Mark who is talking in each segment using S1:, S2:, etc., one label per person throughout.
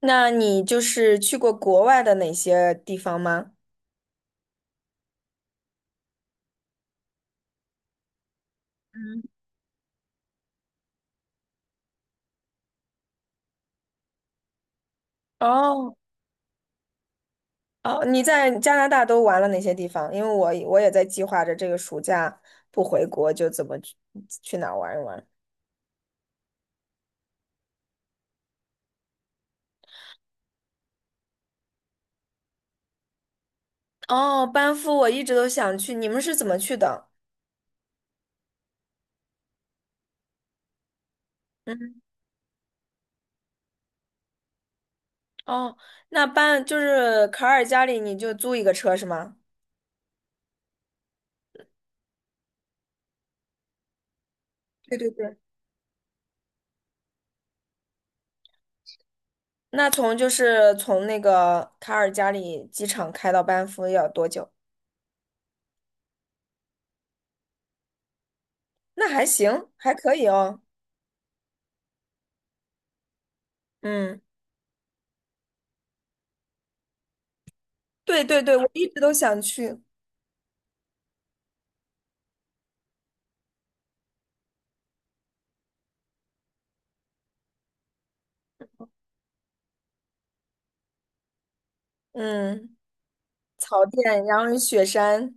S1: 那你就是去过国外的哪些地方吗？嗯。哦哦，你在加拿大都玩了哪些地方？因为我也在计划着这个暑假不回国，就怎么去哪儿玩一玩。哦，班夫我一直都想去，你们是怎么去的？嗯。哦，那就是卡尔加里，你就租一个车是吗？对对对。那就是从那个卡尔加里机场开到班夫要多久？那还行，还可以哦。嗯。对对对，我一直都想去。嗯，草甸，然后有雪山。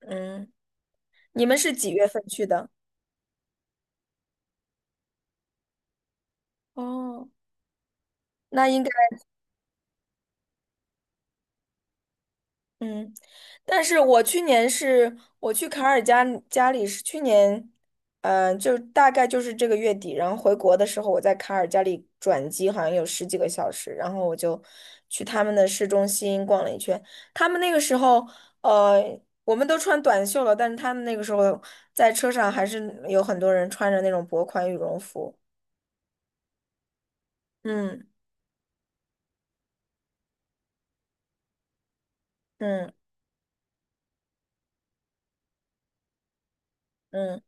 S1: 嗯，你们是几月份去的？哦，那应该。嗯，但是我去年是我去卡尔加加里是去年，嗯，就大概就是这个月底，然后回国的时候我在卡尔加里转机，好像有十几个小时，然后我就去他们的市中心逛了一圈。他们那个时候，我们都穿短袖了，但是他们那个时候在车上还是有很多人穿着那种薄款羽绒服。嗯嗯嗯。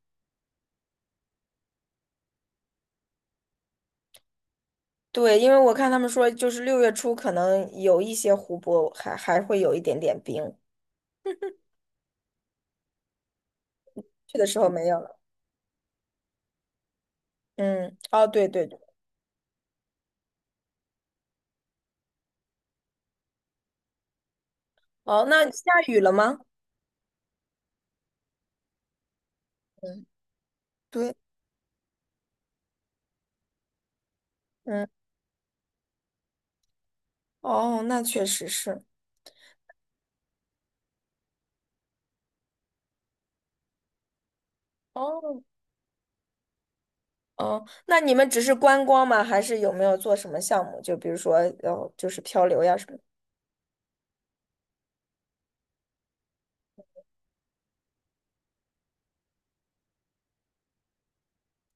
S1: 对，因为我看他们说，就是6月初可能有一些湖泊还会有一点点冰，去的时候没有了。嗯。哦，对对对。哦，那下雨了吗？嗯，对。嗯，哦，那确实是。哦哦，那你们只是观光吗？还是有没有做什么项目？就比如说，哦，就是漂流呀什么的。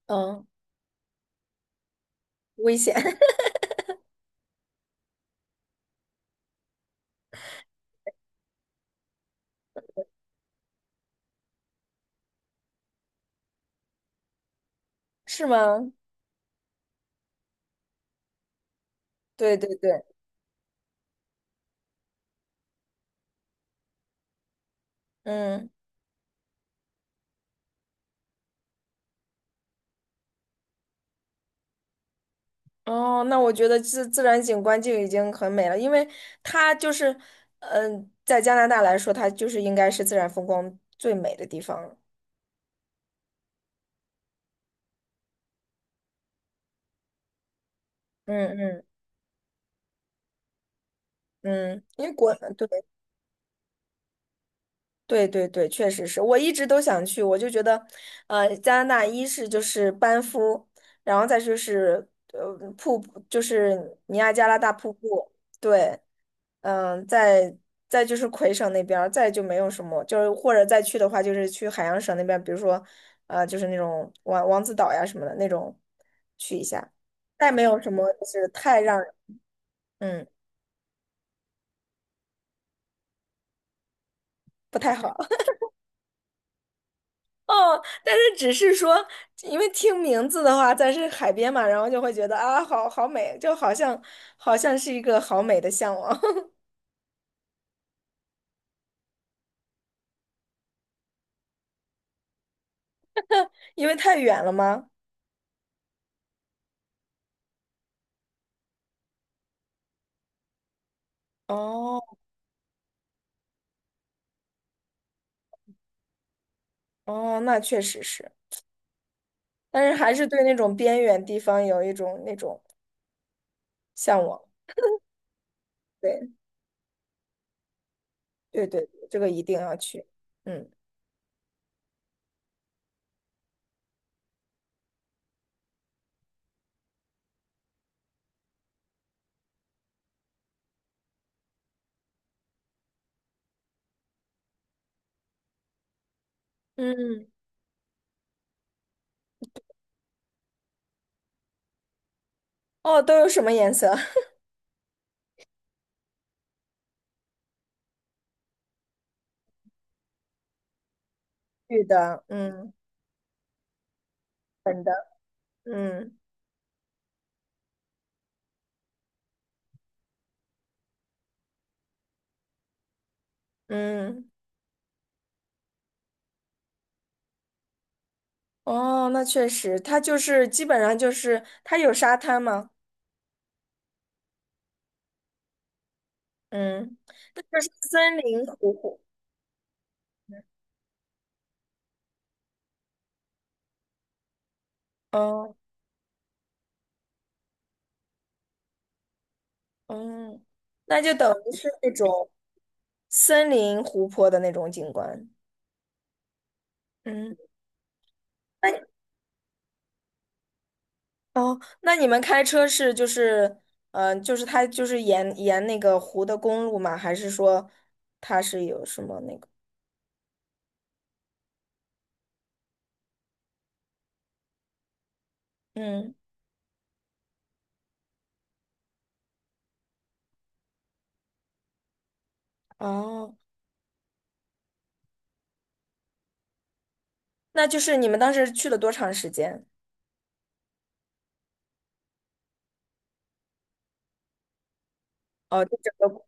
S1: 嗯，危险。 是吗？对对对。嗯。哦，那我觉得自然景观就已经很美了，因为它就是，嗯，在加拿大来说，它就是应该是自然风光最美的地方了。嗯嗯嗯，因为国，对。对对对，确实是我一直都想去，我就觉得，加拿大一是就是班夫，然后再就是瀑布，就是尼亚加拉大瀑布，对。嗯，再就是魁省那边儿，再就没有什么，就是或者再去的话，就是去海洋省那边，比如说，就是那种王子岛呀什么的那种去一下，再没有什么就是太让人嗯不太好。哦，但是只是说，因为听名字的话，咱是海边嘛，然后就会觉得啊，好好美，就好像是一个好美的向往。因为太远了吗？哦哦，那确实是。但是还是对那种边远地方有一种那种向往。对对对，这个一定要去。嗯嗯。哦，都有什么颜色？绿的，嗯。粉的，嗯嗯。哦，那确实，它就是基本上就是它有沙滩吗？嗯，那就是森林湖泊。嗯嗯。那就等于是那种森林湖泊的那种景观。嗯，那哦，那你们开车是就是，嗯，就是它就是沿那个湖的公路吗？还是说它是有什么那个？嗯，哦，那就是你们当时去了多长时间？哦，就整个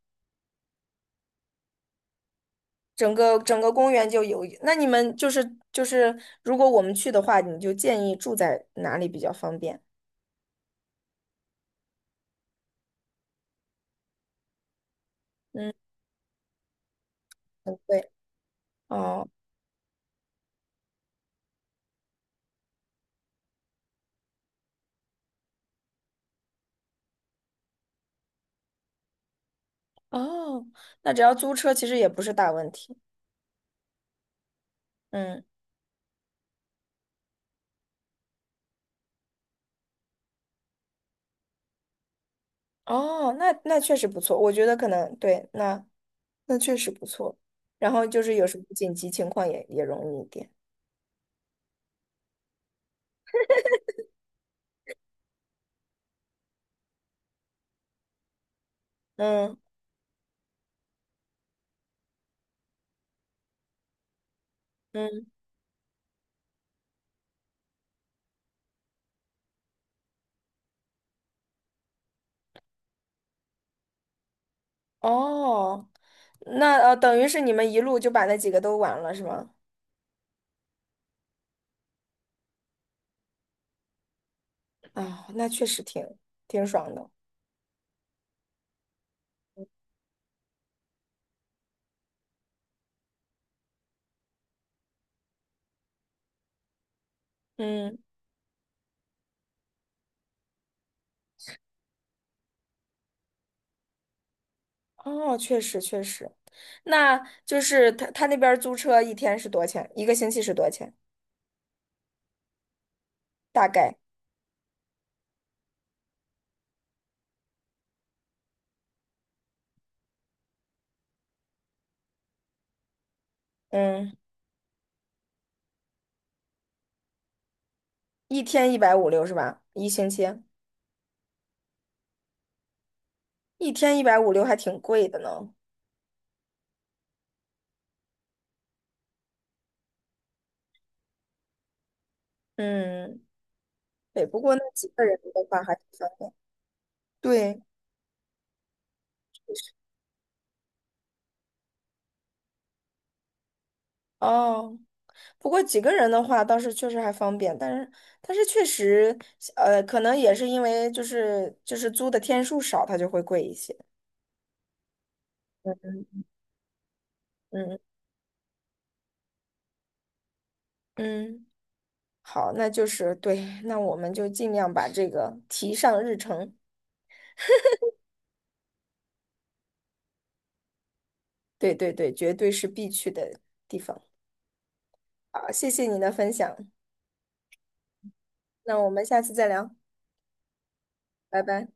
S1: 整个整个公园就有。那你们就是，如果我们去的话，你就建议住在哪里比较方便？对，哦哦，那只要租车其实也不是大问题。嗯，哦，那确实不错，我觉得可能对，那确实不错。然后就是有什么紧急情况也容易一点。嗯嗯。哦，那等于是你们一路就把那几个都玩了是吗？啊，那确实挺爽的。嗯，哦，确实确实，那就是他那边儿租车一天是多少钱？一个星期是多少钱？大概，嗯。一天一百五六是吧？一星期一天一百五六还挺贵的呢。嗯，对，不过那几个人的话还挺方便。对，哦，不过几个人的话倒是确实还方便，但是确实，可能也是因为就是租的天数少，它就会贵一些。嗯嗯嗯。好，那就是对，那我们就尽量把这个提上日程。对对对，绝对是必去的地方。好，谢谢你的分享，那我们下次再聊。拜拜。